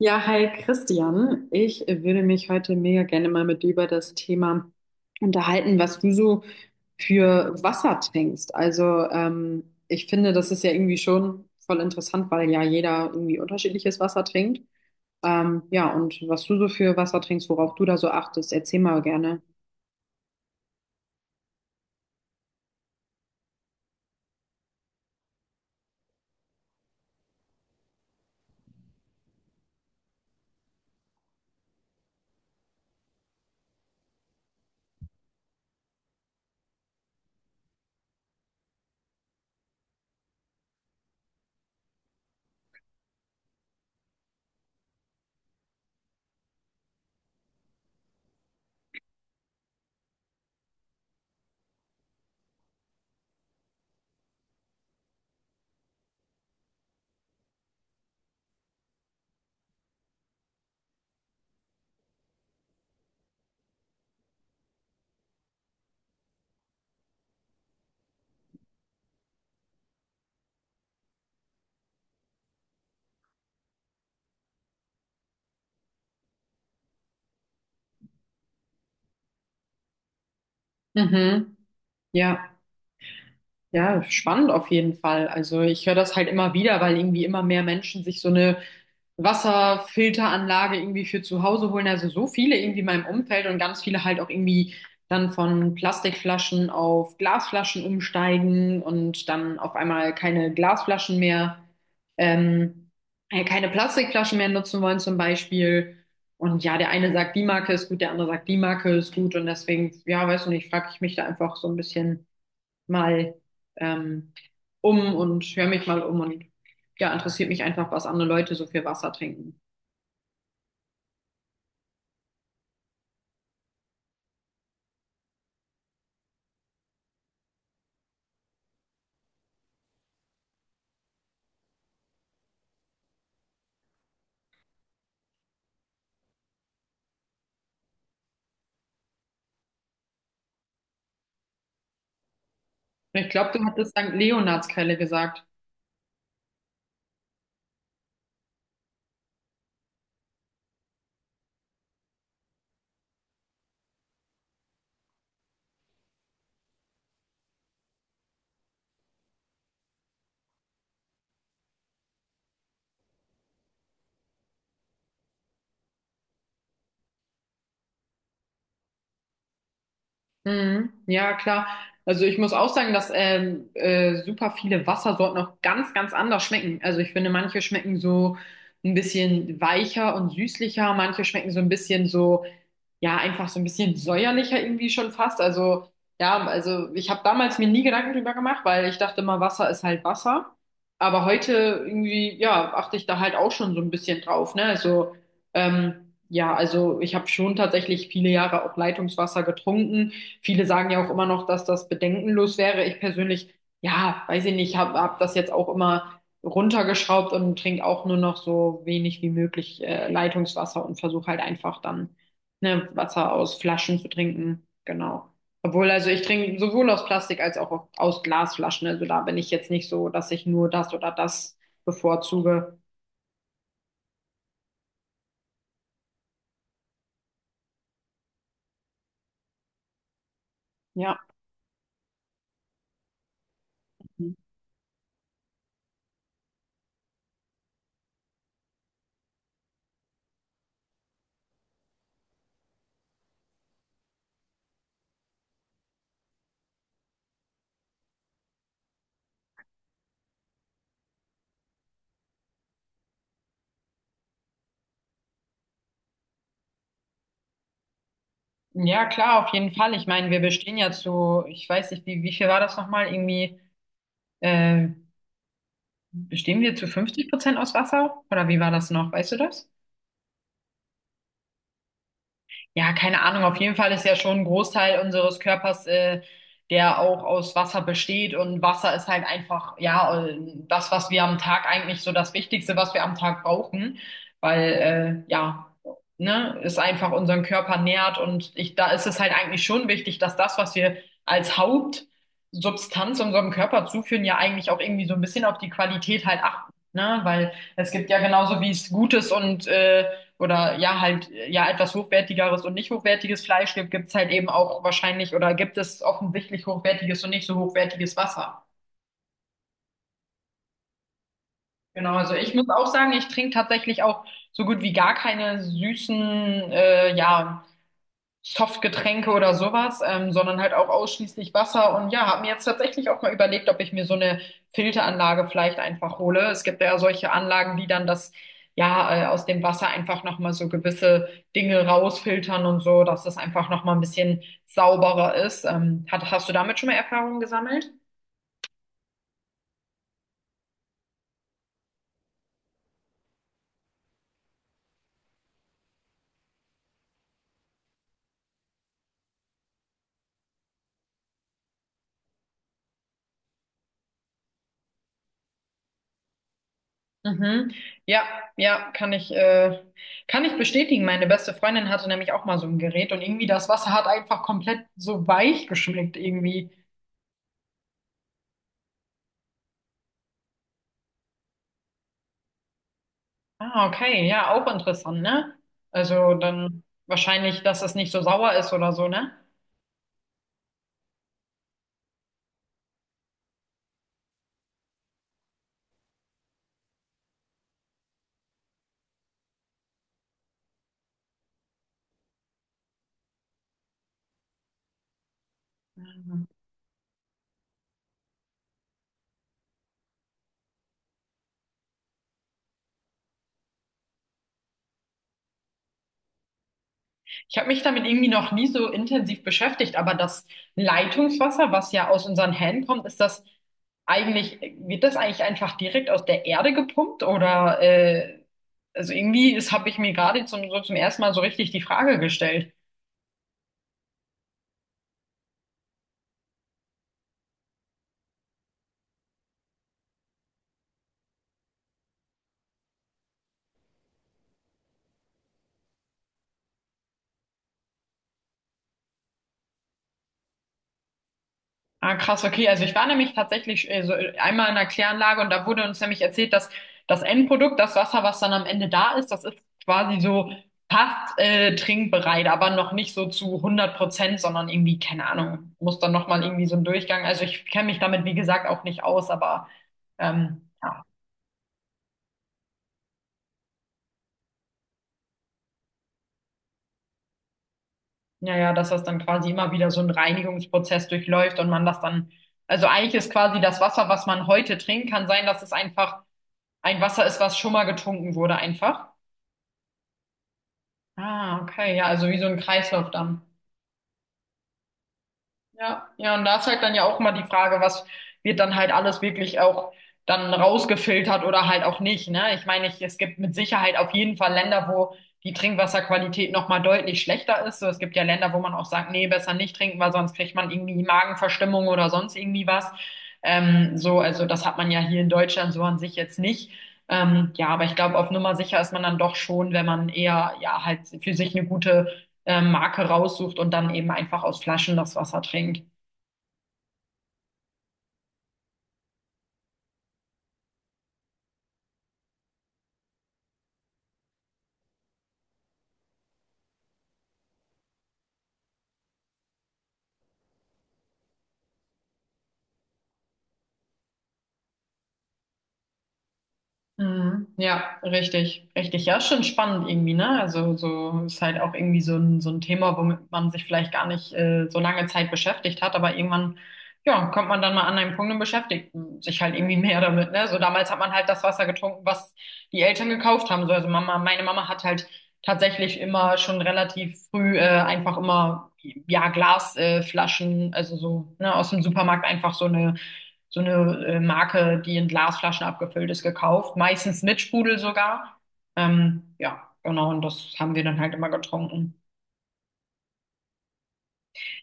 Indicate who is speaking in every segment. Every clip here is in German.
Speaker 1: Ja, hi Christian. Ich würde mich heute mega gerne mal mit dir über das Thema unterhalten, was du so für Wasser trinkst. Also ich finde, das ist ja irgendwie schon voll interessant, weil ja jeder irgendwie unterschiedliches Wasser trinkt. Ja, und was du so für Wasser trinkst, worauf du da so achtest, erzähl mal gerne. Mhm. Ja, ja, spannend auf jeden Fall. Also ich höre das halt immer wieder, weil irgendwie immer mehr Menschen sich so eine Wasserfilteranlage irgendwie für zu Hause holen. Also so viele irgendwie in meinem Umfeld und ganz viele halt auch irgendwie dann von Plastikflaschen auf Glasflaschen umsteigen und dann auf einmal keine Glasflaschen mehr, ähm, keine Plastikflaschen mehr nutzen wollen zum Beispiel. Und ja, der eine sagt, die Marke ist gut, der andere sagt, die Marke ist gut. Und deswegen, ja, weißt du nicht, frage ich mich da einfach so ein bisschen mal ähm, um und höre mich mal um und ja, interessiert mich einfach, was andere Leute so viel Wasser trinken. Ich glaube, du hattest St. Leonardskeile gesagt. Mhm. Ja, klar. Also ich muss auch sagen, dass super viele Wassersorten auch ganz, ganz anders schmecken. Also ich finde, manche schmecken so ein bisschen weicher und süßlicher, manche schmecken so ein bisschen so ja, einfach so ein bisschen säuerlicher irgendwie schon fast. Also, ja, also ich habe damals mir nie Gedanken drüber gemacht, weil ich dachte immer, Wasser ist halt Wasser. Aber heute irgendwie, ja, achte ich da halt auch schon so ein bisschen drauf, ne? Also, ja, also ich habe schon tatsächlich viele Jahre auch Leitungswasser getrunken. Viele sagen ja auch immer noch, dass das bedenkenlos wäre. Ich persönlich, ja, weiß ich nicht, habe hab das jetzt auch immer runtergeschraubt und trinke auch nur noch so wenig wie möglich Leitungswasser und versuche halt einfach dann ne, Wasser aus Flaschen zu trinken. Genau. Obwohl, also ich trinke sowohl aus Plastik als auch aus Glasflaschen. Also da bin ich jetzt nicht so, dass ich nur das oder das bevorzuge. Ja. Ja, klar, auf jeden Fall. Ich meine, wir bestehen ja zu, ich weiß nicht, wie viel war das nochmal? Irgendwie, äh, bestehen wir zu 50% aus Wasser? Oder wie war das noch? Weißt du das? Ja, keine Ahnung. Auf jeden Fall ist ja schon ein Großteil unseres Körpers, der auch aus Wasser besteht. Und Wasser ist halt einfach, ja, das, was wir am Tag eigentlich so das Wichtigste, was wir am Tag brauchen. Weil, ja, ne, es einfach unseren Körper nährt. Und ich, da ist es halt eigentlich schon wichtig, dass das, was wir als Hauptsubstanz unserem Körper zuführen, ja eigentlich auch irgendwie so ein bisschen auf die Qualität halt achten. Ne? Weil es gibt ja genauso wie es Gutes und oder ja, halt ja etwas hochwertigeres und nicht hochwertiges Fleisch gibt, gibt es halt eben auch wahrscheinlich oder gibt es offensichtlich hochwertiges und nicht so hochwertiges Wasser. Genau, also ich muss auch sagen, ich trinke tatsächlich auch so gut wie gar keine süßen, ja. Softgetränke oder sowas, sondern halt auch ausschließlich Wasser. Und ja, habe mir jetzt tatsächlich auch mal überlegt, ob ich mir so eine Filteranlage vielleicht einfach hole. Es gibt ja solche Anlagen, die dann das, ja, aus dem Wasser einfach nochmal so gewisse Dinge rausfiltern und so, dass es einfach nochmal ein bisschen sauberer ist. Hast du damit schon mal Erfahrungen gesammelt? Mhm. Ja, ja, kann ich bestätigen. Meine beste Freundin hatte nämlich auch mal so ein Gerät und irgendwie das Wasser hat einfach komplett so weich geschmeckt irgendwie. Ah, okay, ja, auch interessant, ne? Also dann wahrscheinlich, dass es nicht so sauer ist oder so, ne? Mhm. Ich habe mich damit irgendwie noch nie so intensiv beschäftigt, aber das Leitungswasser, was ja aus unseren Händen kommt, wird das eigentlich einfach direkt aus der Erde gepumpt oder also irgendwie ist, habe ich mir gerade zum, so zum ersten Mal so richtig die Frage gestellt. Ah, krass, okay. Also ich war nämlich tatsächlich einmal in einer Kläranlage und da wurde uns nämlich erzählt, dass das Endprodukt, das Wasser, was dann am Ende da ist, das ist quasi so fast trinkbereit, aber noch nicht so zu hundert Prozent, sondern irgendwie, keine Ahnung, muss dann nochmal irgendwie so ein Durchgang. Also ich kenne mich damit, wie gesagt, auch nicht aus, aber ähm, ja, ja, dass das dann quasi immer wieder so ein Reinigungsprozess durchläuft und man das dann, also eigentlich ist quasi das Wasser, was man heute trinkt, kann sein, dass es einfach ein Wasser ist, was schon mal getrunken wurde, einfach. Ah, okay, ja, also wie so ein Kreislauf dann. Ja, ja, und da ist halt dann ja auch immer die Frage, was wird dann halt alles wirklich auch dann rausgefiltert oder halt auch nicht, ne? Ich meine, ich, es gibt mit Sicherheit auf jeden Fall Länder, wo die Trinkwasserqualität nochmal deutlich schlechter ist. So, es gibt ja Länder, wo man auch sagt, nee, besser nicht trinken, weil sonst kriegt man irgendwie Magenverstimmung oder sonst irgendwie was. So, also das hat man ja hier in Deutschland so an sich jetzt nicht. Ja, aber ich glaube, auf Nummer sicher ist man dann doch schon, wenn man eher, ja, halt für sich eine gute Marke raussucht und dann eben einfach aus Flaschen das Wasser trinkt. Mhm. Ja, richtig. Richtig, ja, ist schon spannend irgendwie, ne? Also so ist halt auch irgendwie so ein Thema, womit man sich vielleicht gar nicht so lange Zeit beschäftigt hat, aber irgendwann, ja, kommt man dann mal an einen Punkt und beschäftigt sich halt irgendwie mehr damit, ne? So damals hat man halt das Wasser getrunken, was die Eltern gekauft haben. So, also Mama, meine Mama hat halt tatsächlich immer schon relativ früh einfach immer ja Flaschen, also so ne, aus dem Supermarkt einfach so eine Marke, die in Glasflaschen abgefüllt ist, gekauft. Meistens mit Sprudel sogar. Ja, genau. Und das haben wir dann halt immer getrunken.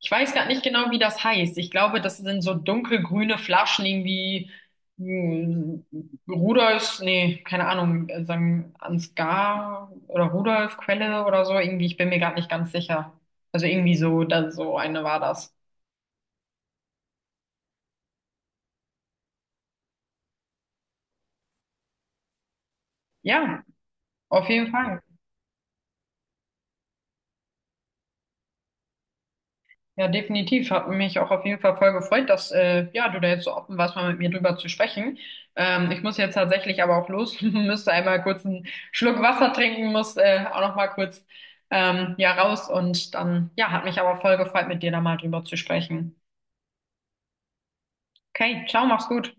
Speaker 1: Ich weiß gar nicht genau, wie das heißt. Ich glaube, das sind so dunkelgrüne Flaschen irgendwie. hm, Rudolfs, nee, keine Ahnung, sagen Ansgar oder Rudolf Quelle oder so, irgendwie, ich bin mir gerade nicht ganz sicher. Also irgendwie so, da, so eine war das. Ja, auf jeden Fall. Ja, definitiv. Hat mich auch auf jeden Fall voll gefreut, dass ja, du da jetzt so offen warst, mal mit mir drüber zu sprechen. Ich muss jetzt tatsächlich aber auch los, müsste einmal kurz einen Schluck Wasser trinken, muss auch noch mal kurz ja raus und dann ja, hat mich aber voll gefreut, mit dir da mal drüber zu sprechen. Okay, ciao, mach's gut.